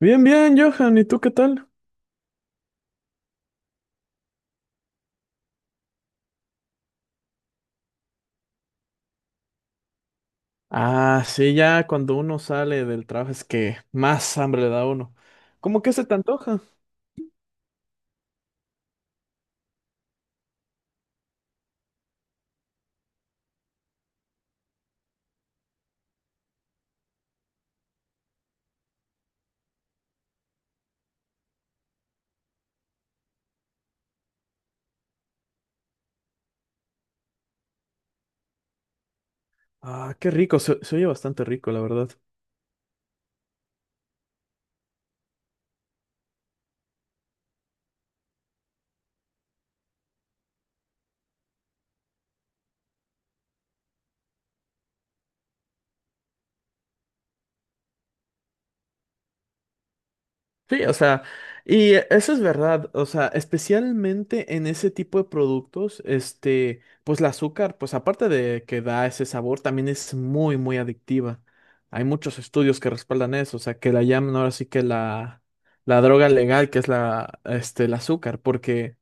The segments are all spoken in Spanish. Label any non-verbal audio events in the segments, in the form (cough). Bien, bien, Johan, ¿y tú qué tal? Ah, sí, ya cuando uno sale del trabajo es que más hambre le da a uno. ¿Cómo que se te antoja? Ah, qué rico, se oye bastante rico, la verdad. Sí, o sea, y eso es verdad, o sea, especialmente en ese tipo de productos, pues el azúcar, pues aparte de que da ese sabor, también es muy, muy adictiva. Hay muchos estudios que respaldan eso, o sea, que la llaman ahora sí que la droga legal, que es el azúcar, porque...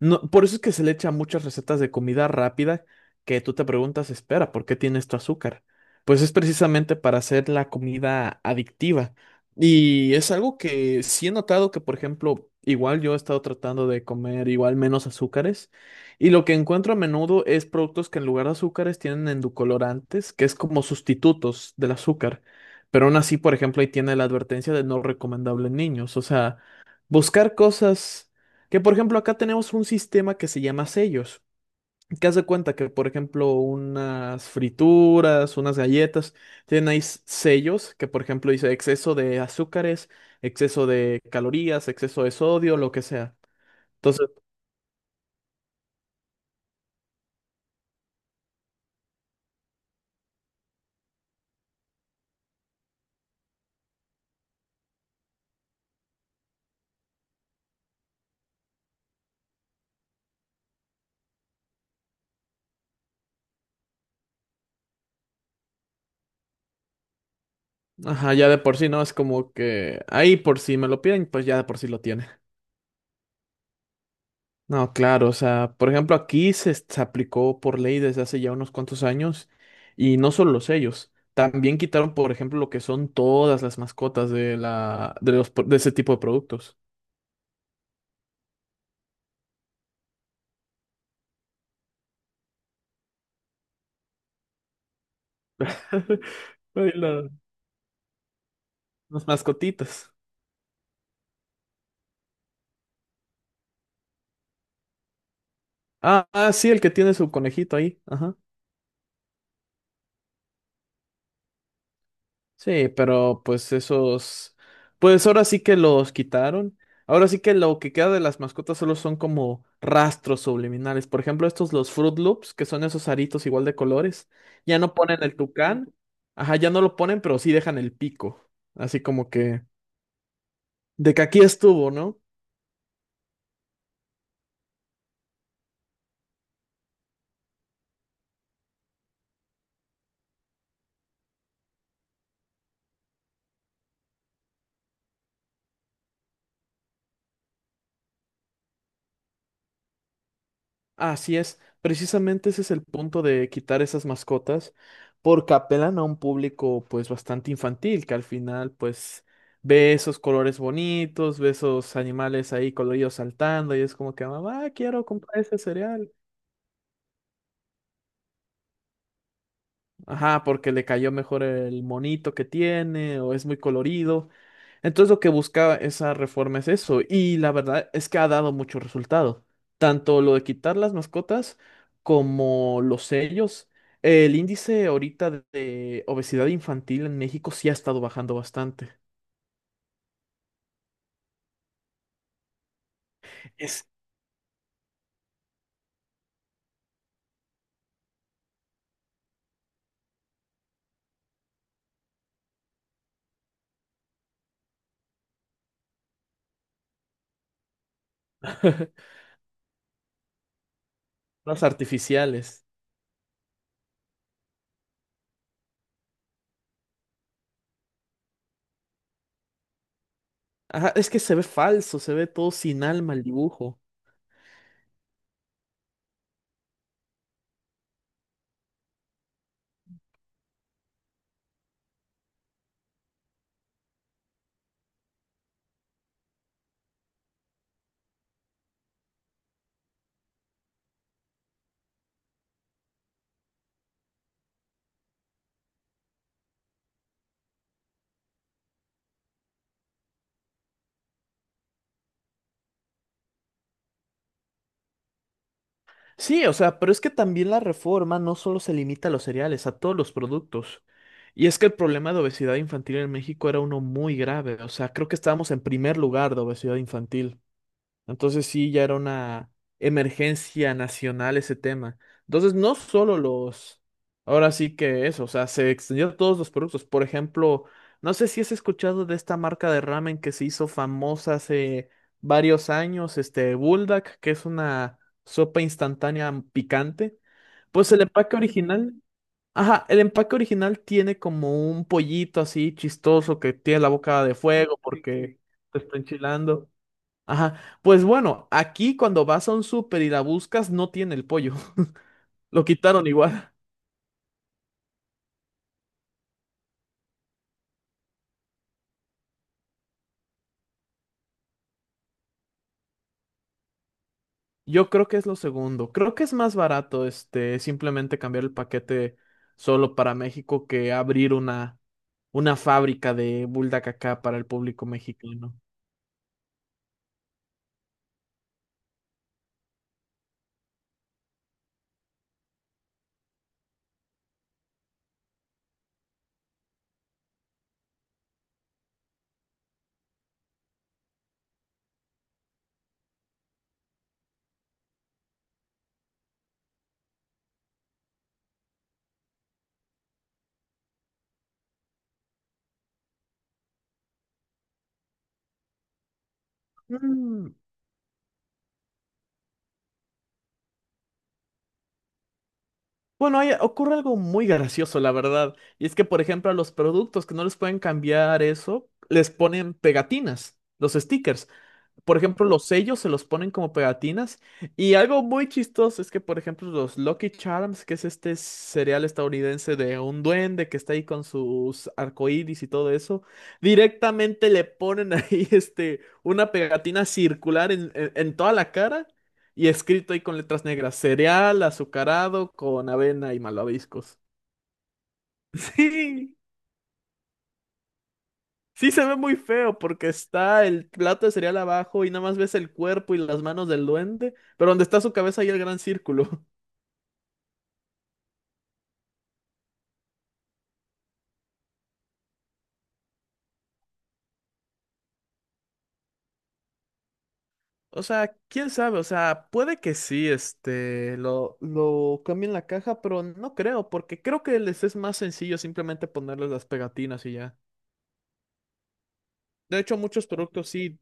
No, por eso es que se le echan muchas recetas de comida rápida que tú te preguntas, espera, ¿por qué tiene esto azúcar? Pues es precisamente para hacer la comida adictiva. Y es algo que sí he notado que, por ejemplo, igual yo he estado tratando de comer igual menos azúcares. Y lo que encuentro a menudo es productos que en lugar de azúcares tienen endocolorantes, que es como sustitutos del azúcar. Pero aún así, por ejemplo, ahí tiene la advertencia de no recomendable en niños. O sea, buscar cosas. Que por ejemplo acá tenemos un sistema que se llama sellos, que hace cuenta que por ejemplo unas frituras, unas galletas, tienen ahí sellos que por ejemplo dice exceso de azúcares, exceso de calorías, exceso de sodio, lo que sea. Entonces, ajá, ya de por sí no es como que ahí por si me lo piden, pues ya de por sí lo tiene. No, claro, o sea, por ejemplo, aquí se aplicó por ley desde hace ya unos cuantos años y no solo los sellos, también quitaron, por ejemplo, lo que son todas las mascotas de la, de los, pro- de ese tipo de productos. (laughs) Ay, las mascotitas. Ah, ah, sí, el que tiene su conejito ahí. Ajá. Sí, pero pues esos, pues ahora sí que los quitaron. Ahora sí que lo que queda de las mascotas solo son como rastros subliminales. Por ejemplo, estos los Fruit Loops, que son esos aritos igual de colores, ya no ponen el tucán. Ajá, ya no lo ponen, pero sí dejan el pico. Así como que de que aquí estuvo, ¿no? Así es, precisamente ese es el punto de quitar esas mascotas, porque apelan a un público pues bastante infantil, que al final pues ve esos colores bonitos, ve esos animales ahí coloridos saltando y es como que mamá, quiero comprar ese cereal. Ajá, porque le cayó mejor el monito que tiene o es muy colorido. Entonces lo que buscaba esa reforma es eso, y la verdad es que ha dado mucho resultado. Tanto lo de quitar las mascotas como los sellos. El índice ahorita de obesidad infantil en México sí ha estado bajando bastante. Es (laughs) las artificiales. Ajá, es que se ve falso, se ve todo sin alma el dibujo. Sí, o sea, pero es que también la reforma no solo se limita a los cereales, a todos los productos. Y es que el problema de obesidad infantil en México era uno muy grave. O sea, creo que estábamos en primer lugar de obesidad infantil. Entonces sí, ya era una emergencia nacional ese tema. Entonces no solo los, ahora sí que eso, o sea, se extendió a todos los productos. Por ejemplo, no sé si has escuchado de esta marca de ramen que se hizo famosa hace varios años, este Buldak, que es una sopa instantánea picante. Pues el empaque original, ajá, el empaque original tiene como un pollito así chistoso que tiene la boca de fuego porque te está enchilando. Ajá. Pues bueno, aquí cuando vas a un súper y la buscas, no tiene el pollo. (laughs) Lo quitaron igual. Yo creo que es lo segundo. Creo que es más barato, simplemente cambiar el paquete solo para México que abrir una fábrica de bulldacacá acá para el público mexicano. Mm. Bueno, ahí ocurre algo muy gracioso, la verdad. Y es que, por ejemplo, a los productos que no les pueden cambiar eso, les ponen pegatinas, los stickers. Por ejemplo, los sellos se los ponen como pegatinas. Y algo muy chistoso es que, por ejemplo, los Lucky Charms, que es este cereal estadounidense de un duende que está ahí con sus arcoíris y todo eso, directamente le ponen ahí (laughs) una pegatina circular en, en toda la cara y escrito ahí con letras negras, cereal azucarado con avena y malvaviscos. (laughs) Sí. Sí se ve muy feo porque está el plato de cereal abajo y nada más ves el cuerpo y las manos del duende, pero donde está su cabeza hay el gran círculo. (laughs) O sea, quién sabe, o sea, puede que sí, lo cambien la caja, pero no creo, porque creo que les es más sencillo simplemente ponerles las pegatinas y ya. De hecho, muchos productos sí.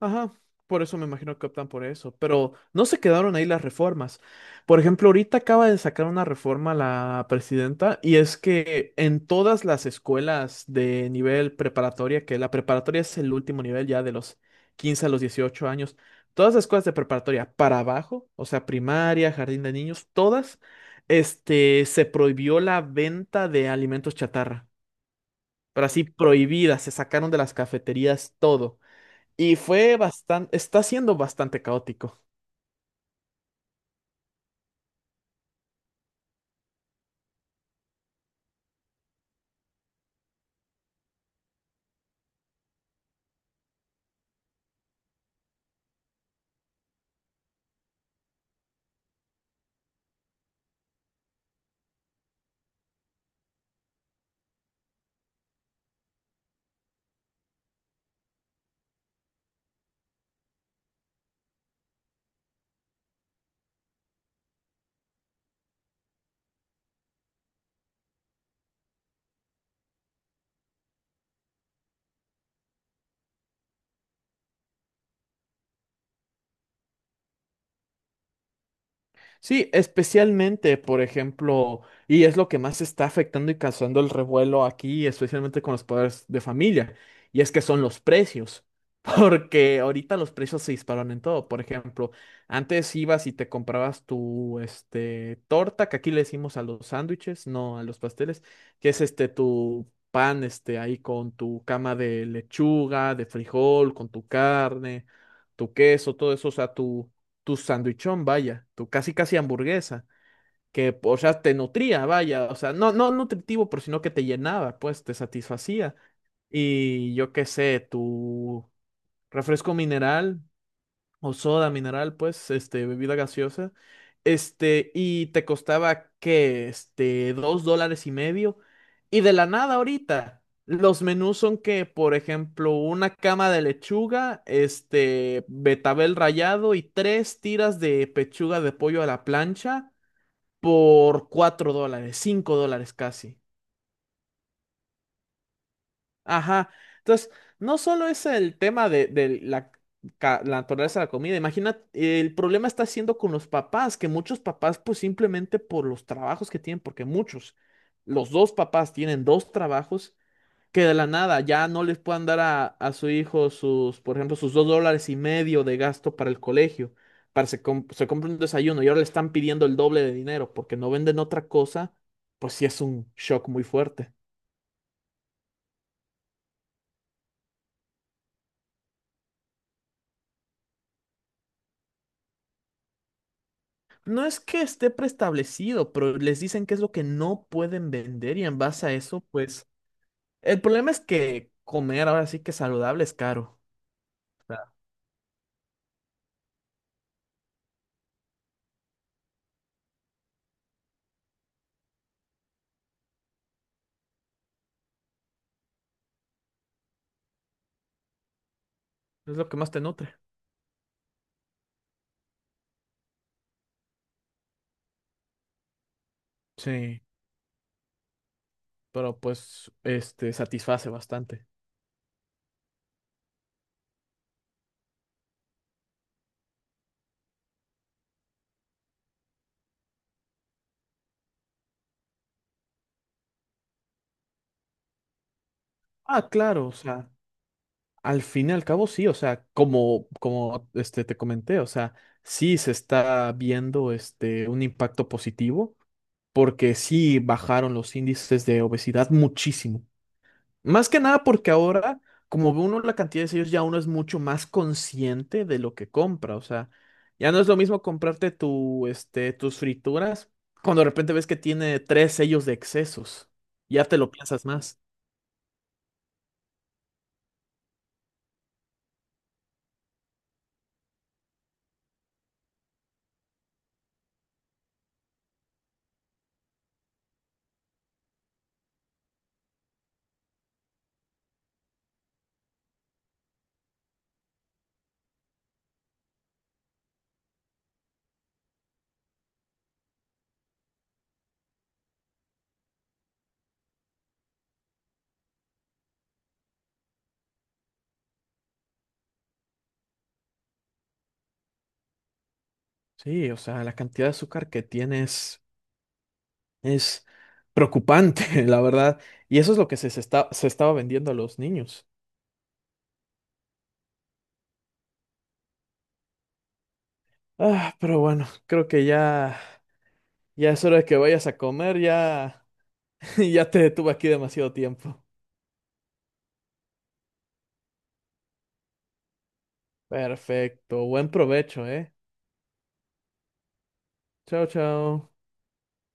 Ajá, por eso me imagino que optan por eso, pero no se quedaron ahí las reformas. Por ejemplo, ahorita acaba de sacar una reforma la presidenta y es que en todas las escuelas de nivel preparatoria, que la preparatoria es el último nivel ya de los 15 a los 18 años, todas las escuelas de preparatoria para abajo, o sea, primaria, jardín de niños, todas, se prohibió la venta de alimentos chatarra, pero así prohibida, se sacaron de las cafeterías todo. Y fue bastante, está siendo bastante caótico. Sí, especialmente, por ejemplo, y es lo que más está afectando y causando el revuelo aquí, especialmente con los padres de familia, y es que son los precios, (laughs) porque ahorita los precios se dispararon en todo. Por ejemplo, antes ibas y te comprabas tu torta, que aquí le decimos a los sándwiches, no a los pasteles, que es este tu pan ahí con tu cama de lechuga, de frijol, con tu carne, tu queso, todo eso, o sea, tu sandwichón, vaya, tu casi casi hamburguesa, que, o sea, te nutría, vaya, o sea, no, no nutritivo, pero sino que te llenaba, pues, te satisfacía. Y yo qué sé, tu refresco mineral, o soda mineral, pues, bebida gaseosa, y te costaba, ¿qué? $2.50, y de la nada ahorita, los menús son que, por ejemplo, una cama de lechuga, betabel rallado y tres tiras de pechuga de pollo a la plancha por $4, $5 casi. Ajá. Entonces, no solo es el tema de la naturaleza de la comida. Imagina, el problema está siendo con los papás, que muchos papás, pues simplemente por los trabajos que tienen, porque muchos, los dos papás tienen dos trabajos, que de la nada ya no les puedan dar a su hijo sus, por ejemplo, sus $2.50 de gasto para el colegio, para se compre un desayuno y ahora le están pidiendo el doble de dinero porque no venden otra cosa, pues sí es un shock muy fuerte. No es que esté preestablecido, pero les dicen qué es lo que no pueden vender y en base a eso, pues el problema es que comer ahora sí que saludable es caro. O sea, es lo que más te nutre. Sí, pero pues este satisface bastante. Ah, claro, o sea, al fin y al cabo sí, o sea, como te comenté, o sea, sí se está viendo un impacto positivo porque sí bajaron los índices de obesidad muchísimo. Más que nada porque ahora, como ve uno la cantidad de sellos, ya uno es mucho más consciente de lo que compra. O sea, ya no es lo mismo comprarte tu, tus frituras cuando de repente ves que tiene tres sellos de excesos. Ya te lo piensas más. Sí, o sea, la cantidad de azúcar que tienes es preocupante, (laughs) la verdad. Y eso es lo que se estaba vendiendo a los niños. Ah, pero bueno, creo que ya es hora de que vayas a comer. Ya, (laughs) ya te detuve aquí demasiado tiempo. Perfecto, buen provecho, ¿eh? Chao, chao.